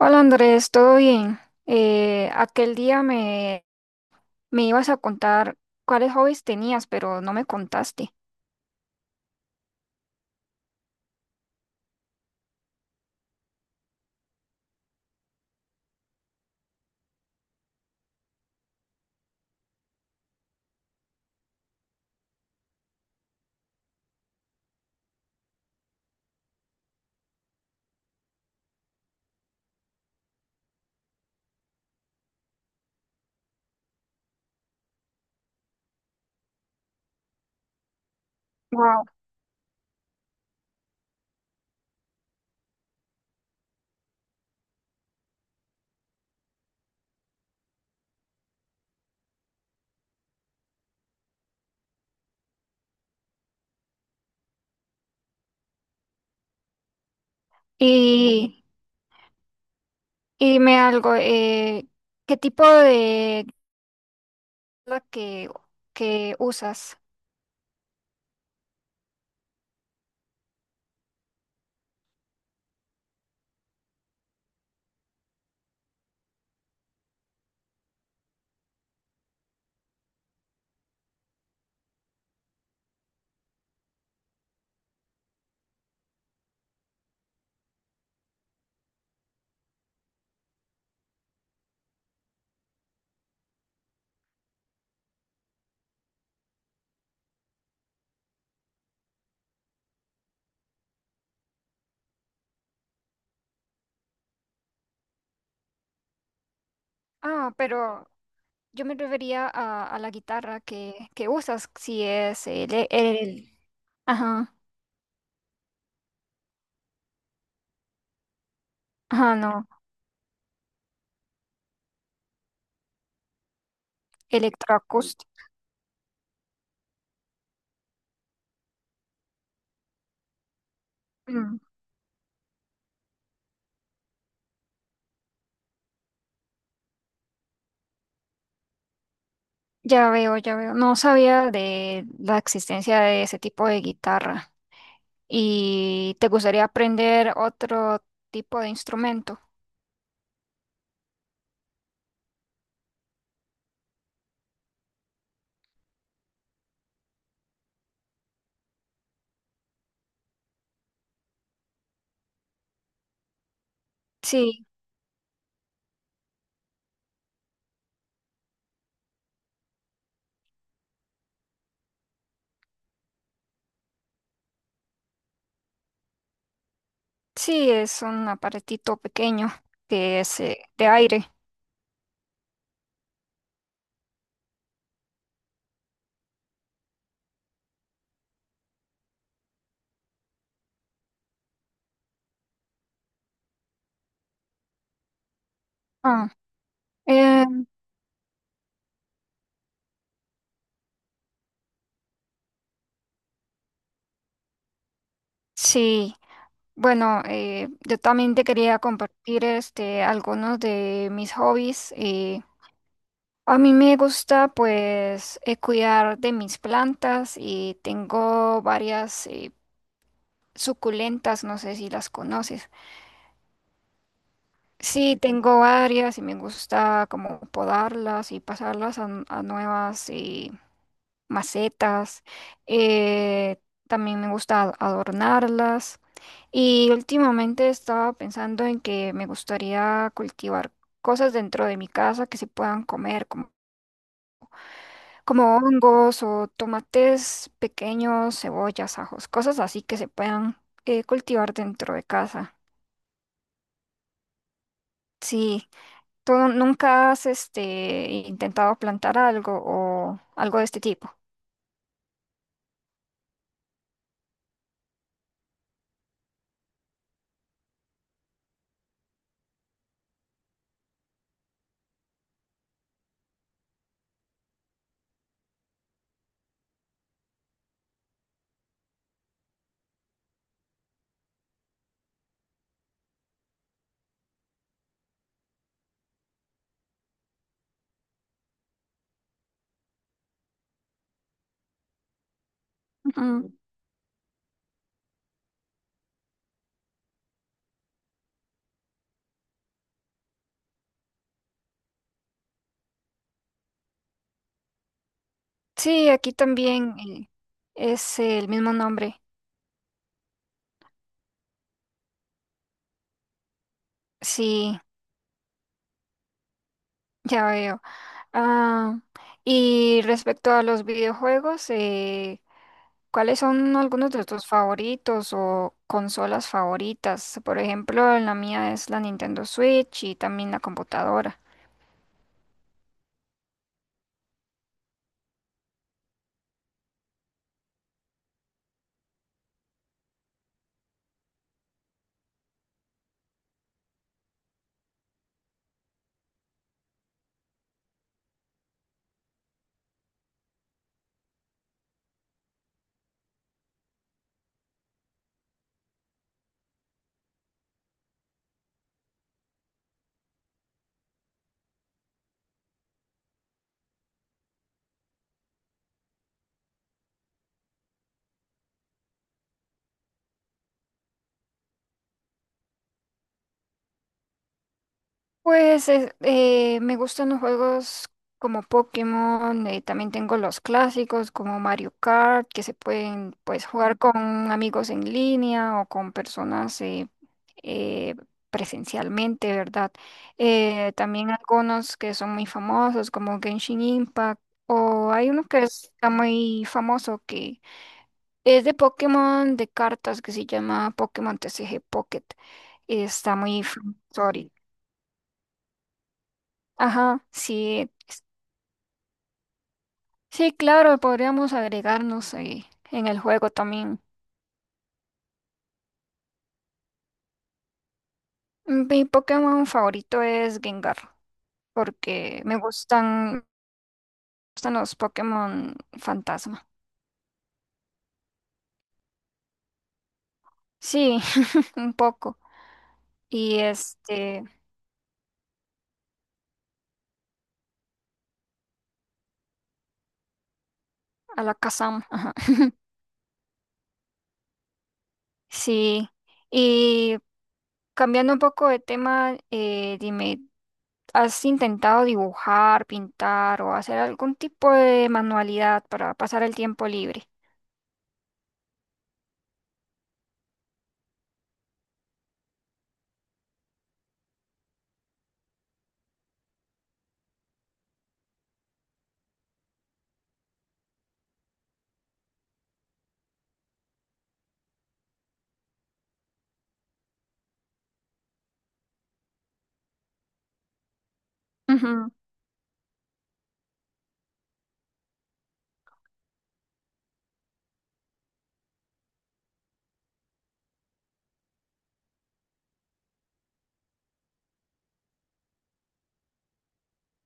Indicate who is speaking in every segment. Speaker 1: Hola Andrés, ¿todo bien? Aquel día me ibas a contar cuáles hobbies tenías, pero no me contaste. Wow. Y, y dime algo, ¿qué tipo de la que, que usas? Ah, pero yo me refería a la guitarra que usas, si es el ajá, ajá, no, electroacústica. Mm, ya veo, ya veo. No sabía de la existencia de ese tipo de guitarra. ¿Y te gustaría aprender otro tipo de instrumento? Sí, sí, es un aparatito pequeño que es de aire. Ah, eh, sí, bueno, yo también te quería compartir este, algunos de mis hobbies. A mí me gusta pues cuidar de mis plantas y tengo varias suculentas, no sé si las conoces. Sí, tengo varias y me gusta como podarlas y pasarlas a, a nuevas macetas. Eh, También me gusta adornarlas. Y últimamente estaba pensando en que me gustaría cultivar cosas dentro de mi casa que se puedan comer, como, como hongos o tomates pequeños, cebollas, ajos, cosas así que se puedan cultivar dentro de casa. Sí. ¿Tú nunca has este, intentado plantar algo o algo de este tipo? Ujú. Sí, aquí también es el mismo nombre. Sí, ya veo. Ah, y respecto a los videojuegos, ¿cuáles son algunos de tus favoritos o consolas favoritas? Por ejemplo, la mía es la Nintendo Switch y también la computadora. Me gustan los juegos como Pokémon, también tengo los clásicos como Mario Kart, que se pueden pues jugar con amigos en línea o con personas eh, presencialmente, ¿verdad? También algunos que son muy famosos como Genshin Impact o hay uno que está muy famoso que es de Pokémon de cartas que se llama Pokémon TCG Pocket. Está muy famoso ahorita. Ajá, sí, sí, claro, podríamos agregarnos en el juego también. Mm, mi Pokémon favorito es Gengar, porque me gustan los Pokémon fantasma. Sí, un poco. Y este, Alakazam. Ah, sí. Y cambiando un poco de tema, dime, ¿has intentado dibujar, pintar o hacer algún tipo de manualidad para pasar el tiempo libre?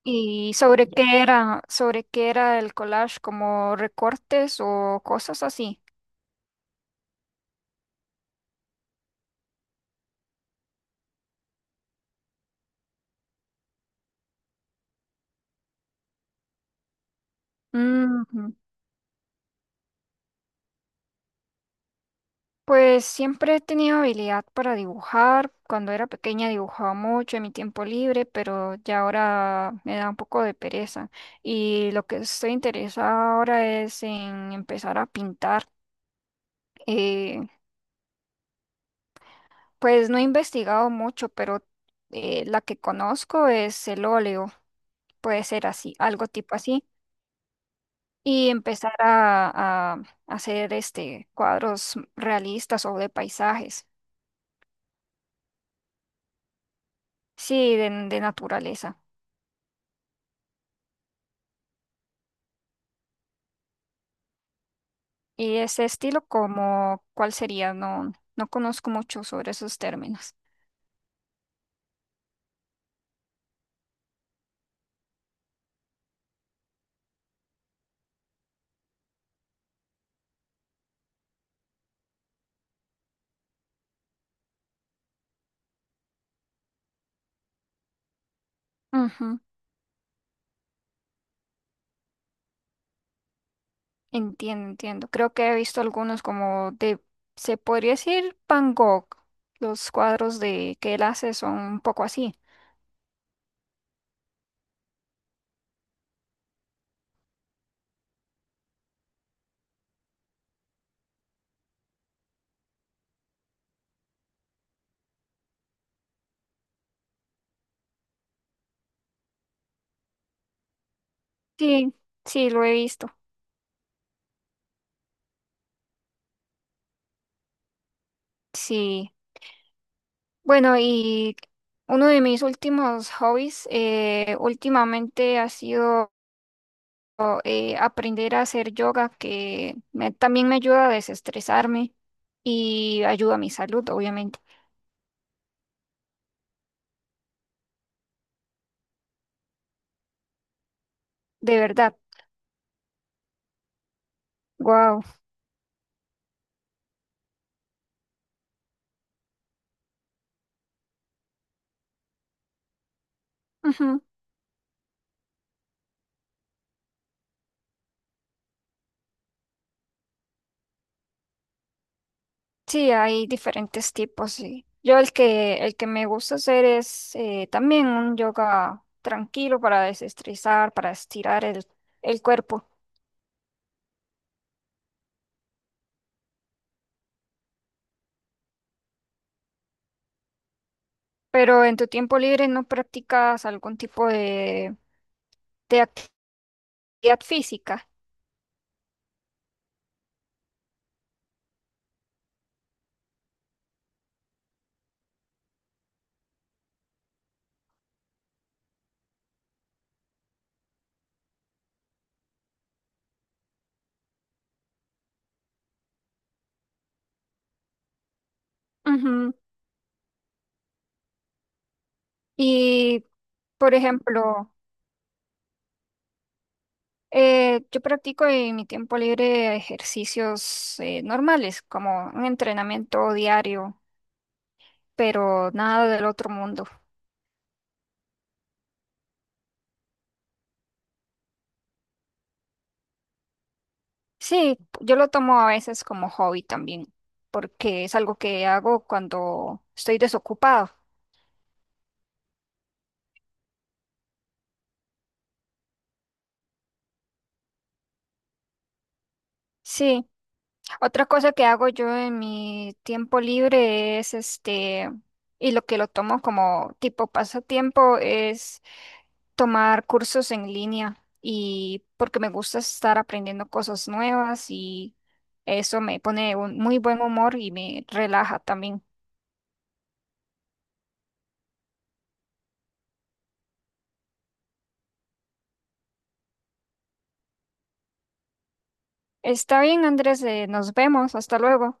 Speaker 1: ¿Y sobre sobre qué era el collage, como recortes o cosas así? Ujú. Pues siempre he tenido habilidad para dibujar. Cuando era pequeña dibujaba mucho en mi tiempo libre, pero ya ahora me da un poco de pereza. Y lo que estoy interesada ahora es en empezar a pintar. Eh, pues no he investigado mucho, pero la que conozco es el óleo. Puede ser así, algo tipo así. Y empezar a hacer este cuadros realistas o de paisajes, sí, de naturaleza. Y ese estilo como, ¿cuál sería? No, no conozco mucho sobre esos términos. Ujú, entiendo, entiendo. Creo que he visto algunos como de, se podría decir Van Gogh. Los cuadros de que él hace son un poco así. Sí, sí, lo he visto. Sí. Bueno, y uno de mis últimos hobbies últimamente ha sido aprender a hacer yoga, que también me ayuda a desestresarme y ayuda a mi salud, obviamente. ¿De verdad? Wow. Sí, hay diferentes tipos. Sí. Yo el que me gusta hacer es también un yoga tranquilo para desestresar, para estirar el cuerpo. Pero en tu tiempo libre no practicas algún tipo de actividad física. Ujú. Y, por ejemplo, yo practico en mi tiempo libre ejercicios normales, como un entrenamiento diario, pero nada del otro mundo. Sí, yo lo tomo a veces como hobby también, porque es algo que hago cuando estoy desocupado. Sí, otra cosa que hago yo en mi tiempo libre es este, y lo que lo tomo como tipo pasatiempo es tomar cursos en línea y porque me gusta estar aprendiendo cosas nuevas y eso me pone un muy buen humor y me relaja también. Está bien, Andrés, nos vemos, hasta luego.